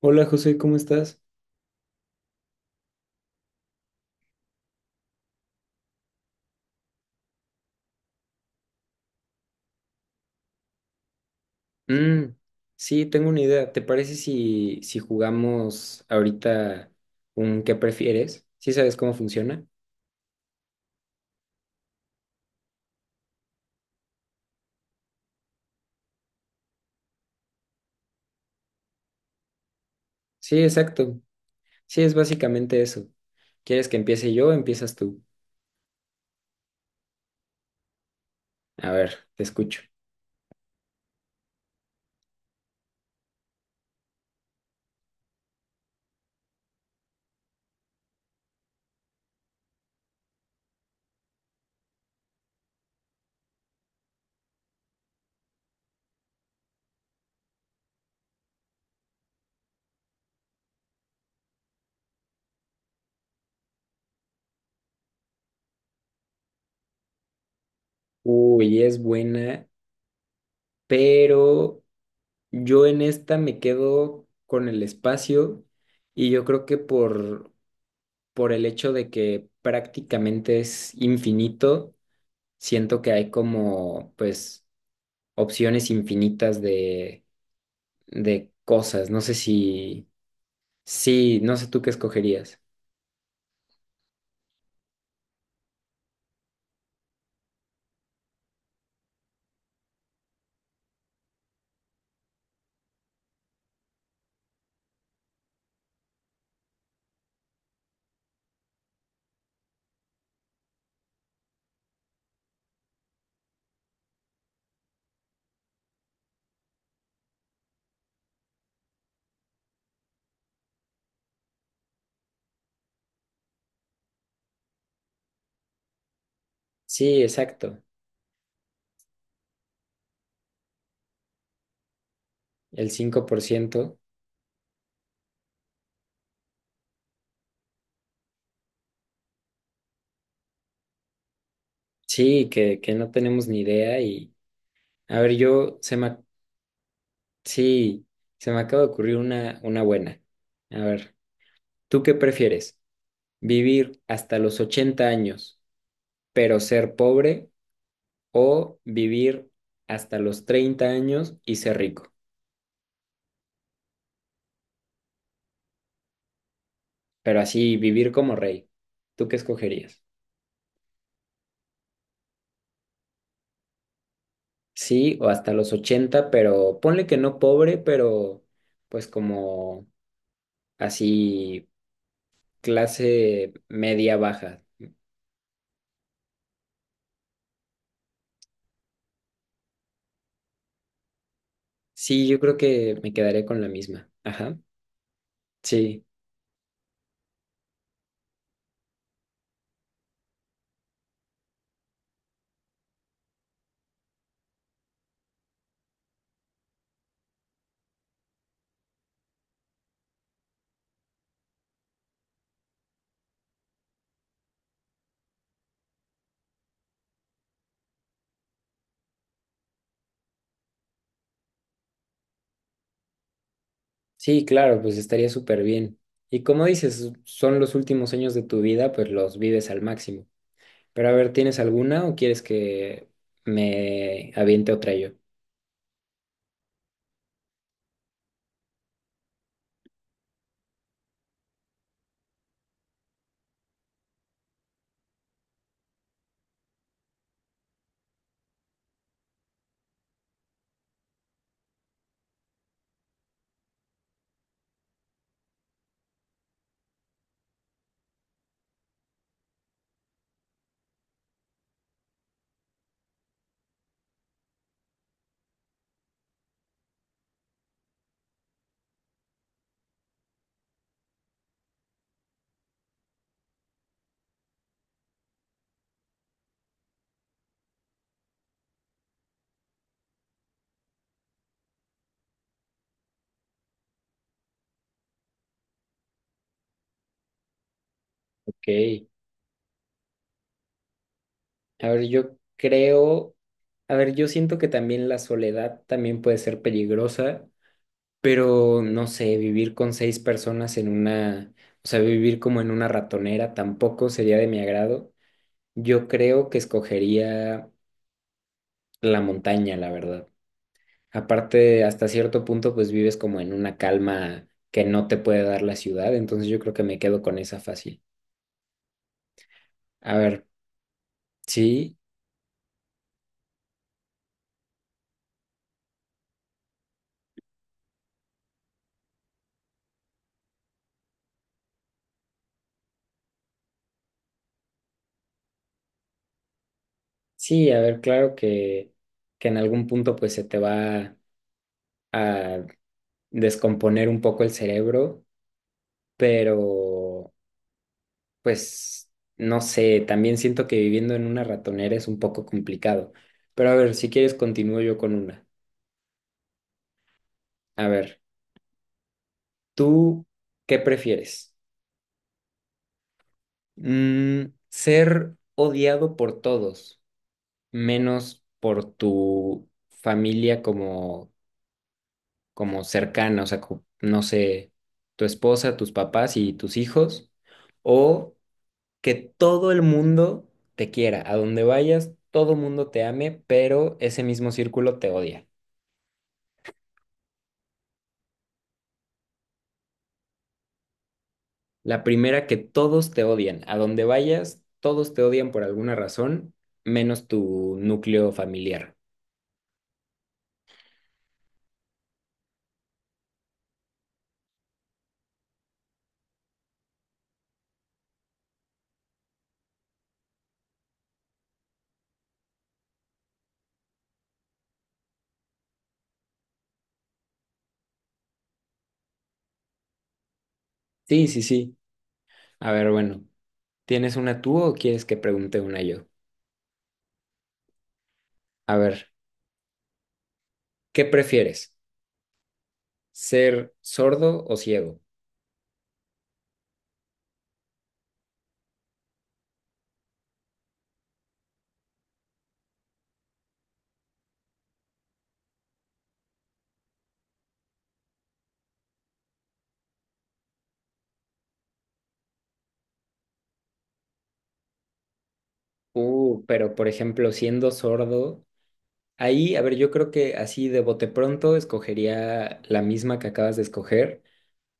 Hola José, ¿cómo estás? Mm, sí, tengo una idea. ¿Te parece si jugamos ahorita un qué prefieres? ¿Sí sabes cómo funciona? Sí, exacto. Sí, es básicamente eso. ¿Quieres que empiece yo o empiezas tú? A ver, te escucho. Uy, es buena, pero yo en esta me quedo con el espacio y yo creo que por el hecho de que prácticamente es infinito, siento que hay como, pues opciones infinitas de cosas. No sé si, sí, no sé tú qué escogerías. Sí, exacto, el 5%. Sí, que no tenemos ni idea y, a ver, sí, se me acaba de ocurrir una buena. A ver, ¿tú qué prefieres? ¿Vivir hasta los 80 años, pero ser pobre, o vivir hasta los 30 años y ser rico? Pero así, vivir como rey. ¿Tú qué escogerías? Sí, o hasta los 80, pero ponle que no pobre, pero pues como así clase media baja. Sí, yo creo que me quedaré con la misma. Ajá. Sí, sí, claro, pues estaría súper bien. Y como dices, son los últimos años de tu vida, pues los vives al máximo. Pero a ver, ¿tienes alguna o quieres que me aviente otra yo? Ok. A ver, yo creo, a ver, yo siento que también la soledad también puede ser peligrosa, pero no sé, vivir con 6 personas en una, o sea, vivir como en una ratonera tampoco sería de mi agrado. Yo creo que escogería la montaña, la verdad. Aparte, hasta cierto punto, pues vives como en una calma que no te puede dar la ciudad, entonces yo creo que me quedo con esa fácil. A ver, sí, sí, a ver, claro que en algún punto pues se te va a descomponer un poco el cerebro, pero... Pues no sé, también siento que viviendo en una ratonera es un poco complicado. Pero a ver, si quieres continúo yo con una. A ver, ¿tú qué prefieres? ¿Mm, ser odiado por todos, menos por tu familia como cercana, o sea, no sé, tu esposa, tus papás y tus hijos? ¿O que todo el mundo te quiera, a donde vayas, todo el mundo te ame, pero ese mismo círculo te odia? La primera, que todos te odian, a donde vayas, todos te odian por alguna razón, menos tu núcleo familiar. Sí, sí, sí. A ver, bueno, ¿tienes una tú o quieres que pregunte una yo? A ver, ¿qué prefieres? ¿Ser sordo o ciego? Pero por ejemplo, siendo sordo... Ahí, a ver, yo creo que así de bote pronto escogería la misma que acabas de escoger,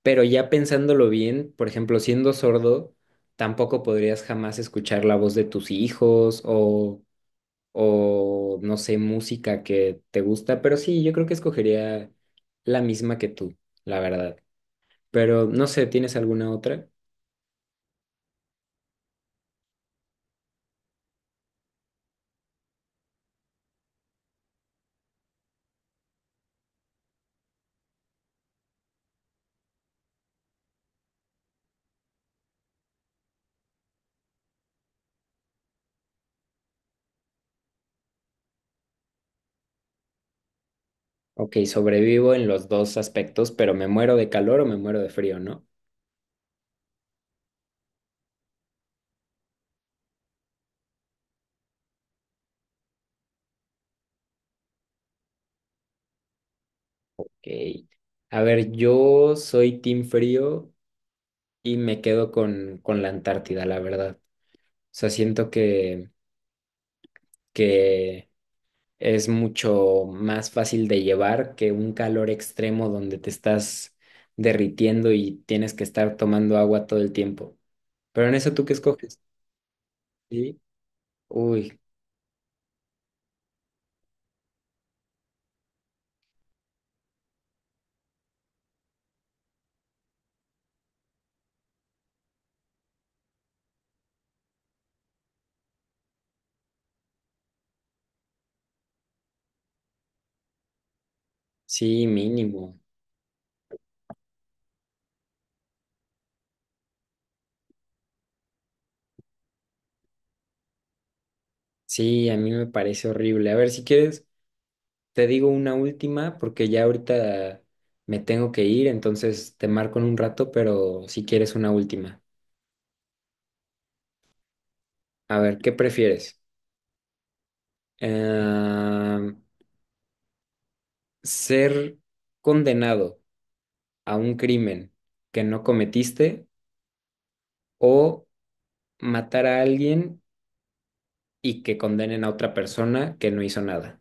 pero ya pensándolo bien, por ejemplo, siendo sordo, tampoco podrías jamás escuchar la voz de tus hijos o no sé, música que te gusta, pero sí, yo creo que escogería la misma que tú, la verdad. Pero no sé, ¿tienes alguna otra? Ok, sobrevivo en los dos aspectos, pero me muero de calor o me muero de frío, ¿no? Ok. A ver, yo soy team frío y me quedo con, la Antártida, la verdad. O sea, siento que es mucho más fácil de llevar que un calor extremo donde te estás derritiendo y tienes que estar tomando agua todo el tiempo. Pero en eso tú qué escoges, ¿sí? Uy, sí, mínimo. Sí, a mí me parece horrible. A ver, si quieres, te digo una última porque ya ahorita me tengo que ir, entonces te marco en un rato, pero si quieres una última. A ver, ¿qué prefieres? eh, Ser condenado a un crimen que no cometiste, o matar a alguien y que condenen a otra persona que no hizo nada.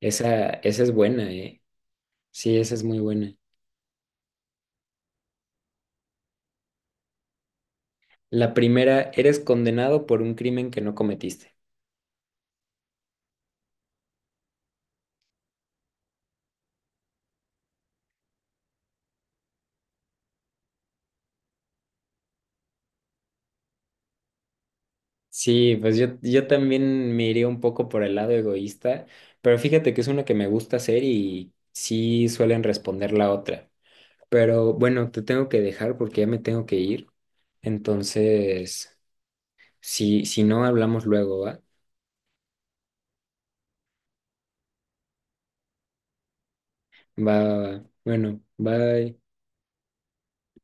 Esa es buena, ¿eh? Sí, esa es muy buena. La primera, eres condenado por un crimen que no cometiste. Sí, pues yo también me iría un poco por el lado egoísta, pero fíjate que es una que me gusta hacer y sí suelen responder la otra. Pero bueno, te tengo que dejar porque ya me tengo que ir. Entonces, si no hablamos luego, ¿va? Va, va, va. Bueno, bye.